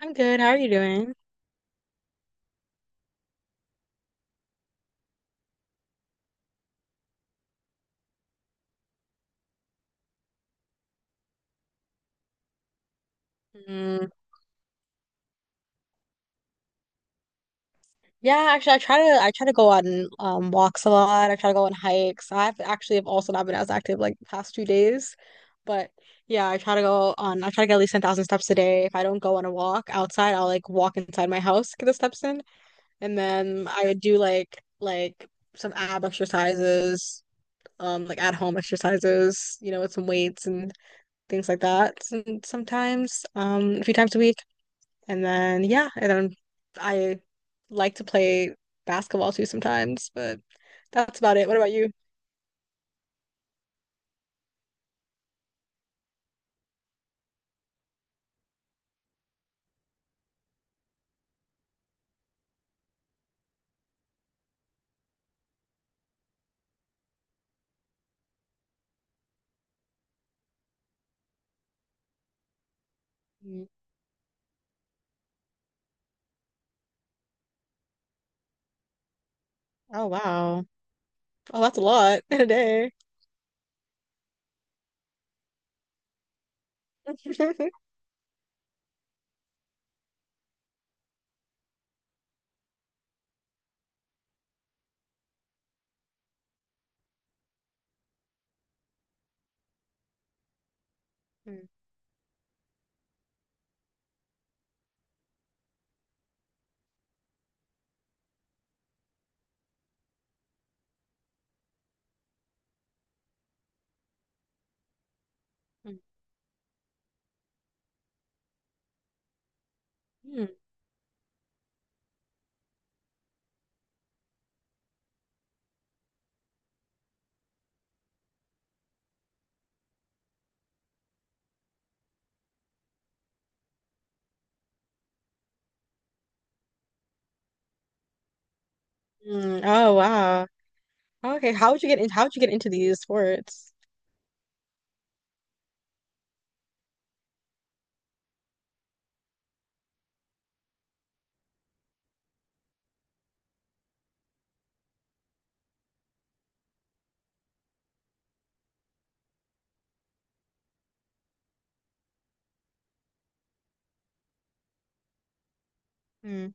I'm good. How are you doing? Mm, yeah, actually, I try to go on walks a lot. I try to go on hikes. I've actually have also not been as active like the past 2 days, but yeah, I try to go on. I try to get at least 10,000 steps a day. If I don't go on a walk outside, I'll like walk inside my house, get the steps in, and then I would do like some ab exercises, like at home exercises, you know, with some weights and things like that. And Sometimes, a few times a week. And then yeah, and then I like to play basketball too sometimes, but that's about it. What about you? Mm. Oh wow. Oh, that's a lot in a day. Mm, mm, mm, mm. Oh wow. Okay, how would you get into these sports? Mm.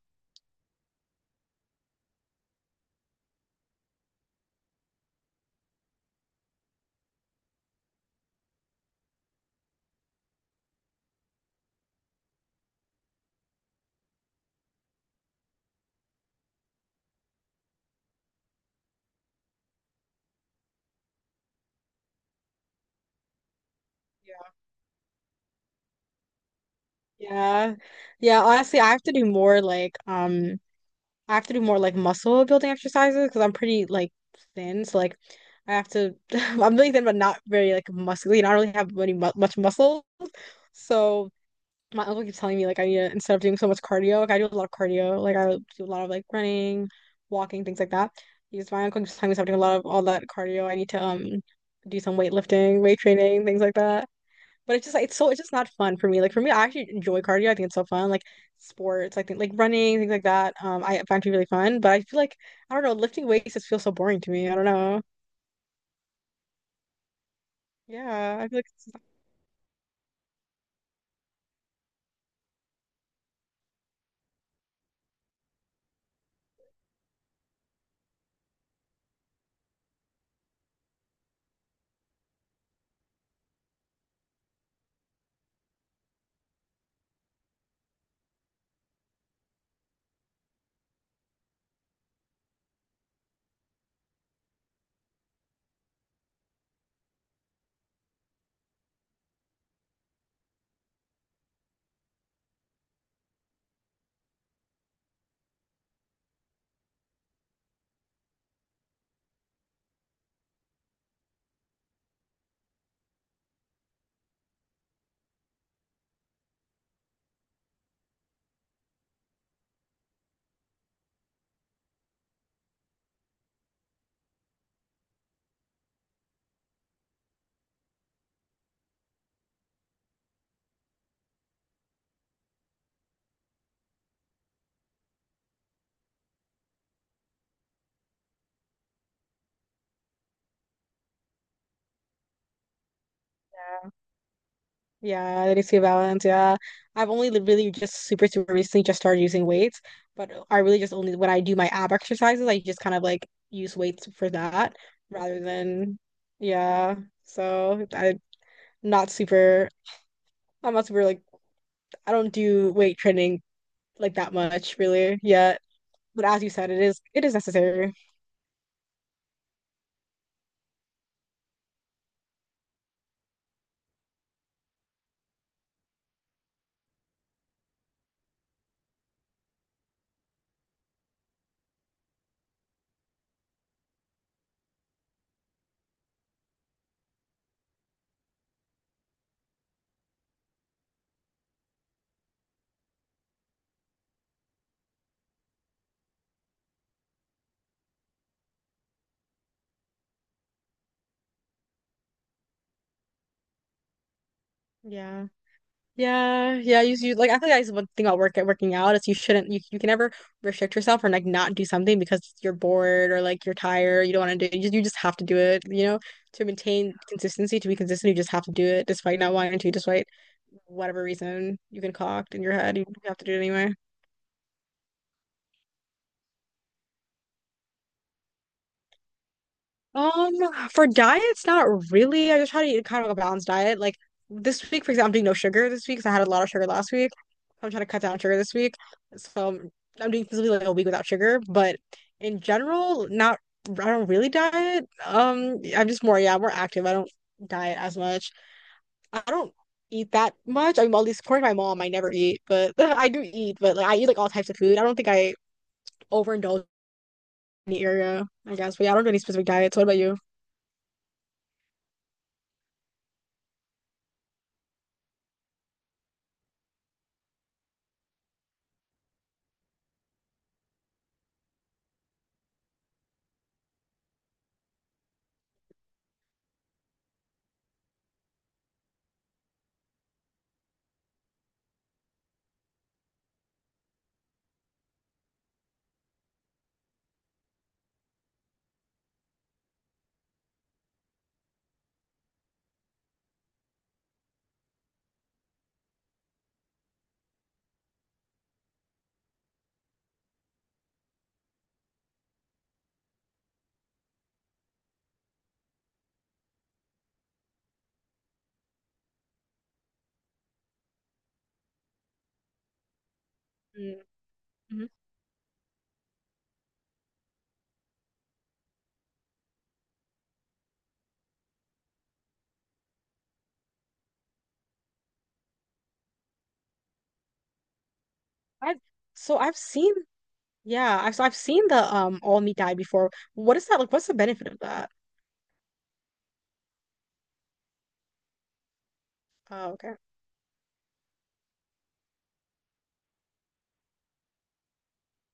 Yeah. Yeah, honestly, I have to do more like muscle building exercises because I'm pretty like thin. So like I have to I'm really thin but not very like muscly. I don't really have any mu much muscle. So my uncle keeps telling me like I need to instead of doing so much cardio, like I do a lot of cardio, like I do a lot of like running, walking, things like that. Because my uncle keeps telling me so I'm doing a lot of all that cardio, I need to do some weightlifting, weight training, things like that. But it's just not fun for me. Like for me, I actually enjoy cardio. I think it's so fun. Like sports, I think like running, things like that. I find to be really fun. But I feel like I don't know, lifting weights just feels so boring to me. I don't know. Yeah, I feel like it's Yeah, that is a balance. Yeah. I've really just super, super recently just started using weights, but I really just only when I do my ab exercises, I just kind of like use weights for that rather than, yeah. So not super, I'm not super like, I don't do weight training like that much really yet. But as you said, it is necessary. Yeah. Yeah, yeah. You like I think that's one thing about working out is you can never restrict yourself or like not do something because you're bored or like you're tired, you don't want to do it. You just have to do it, you know, to maintain consistency, to be consistent, you just have to do it despite not wanting to, despite whatever reason you can concoct in your head, you have to do it anyway. Um, for diets, not really. I just try to eat kind of a balanced diet. Like this week, for example, I'm doing no sugar this week because I had a lot of sugar last week. So I'm trying to cut down sugar this week. So I'm, I'm doing basically like a week without sugar. But in general, not I don't really diet. I'm just more, yeah, more active. I don't diet as much. I don't eat that much. I mean, well, at least according to my mom, I never eat, but I do eat, but like I eat like all types of food. I don't think I overindulge in the area, I guess. But yeah, I don't do any specific diets. What about you? I've I've seen I've seen the all meat diet before. What is that like? What's the benefit of that? Oh, okay.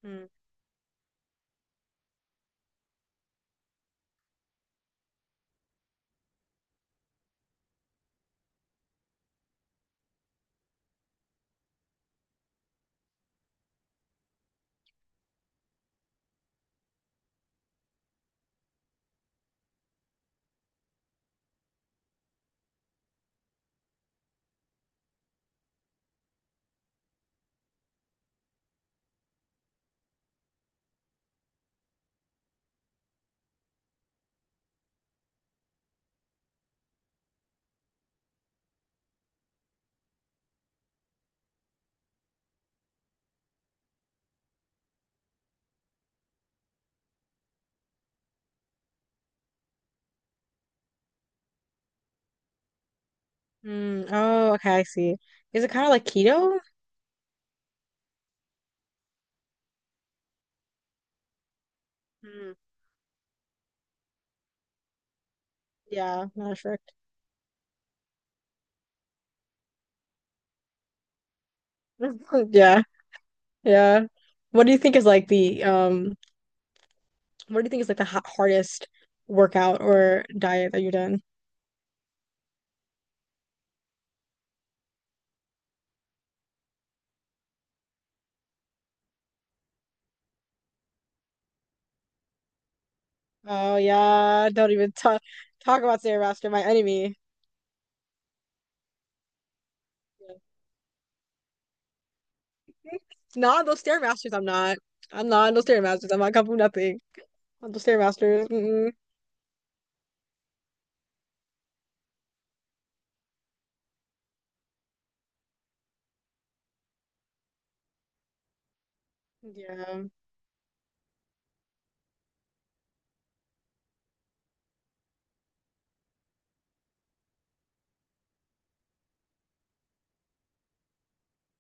Mm. Mm. Oh, okay, I see. Is it kind of like keto? Mm. Yeah, not sure. Yeah, yeah. What do you think is like the um what do you think is like the ha hardest workout or diet that you've done? Oh yeah, don't even talk talk about Stairmaster, my enemy. Yeah. Not those Stairmasters, I'm not. I'm not in those Stairmasters. I'm not coming from nothing. Dumpster Masters. Mm-mm. Yeah,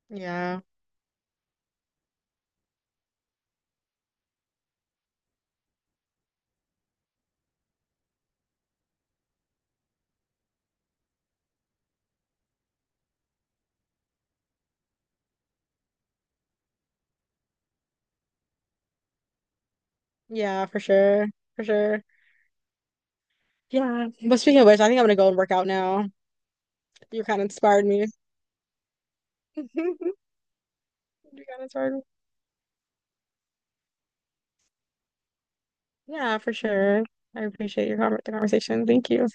yeah, yeah, for sure, for sure. Yeah. But speaking of which, I think I'm gonna go and work out now. You kind of inspired me. You kind of inspired me. Yeah, for sure. I appreciate your conver the conversation. Thank you.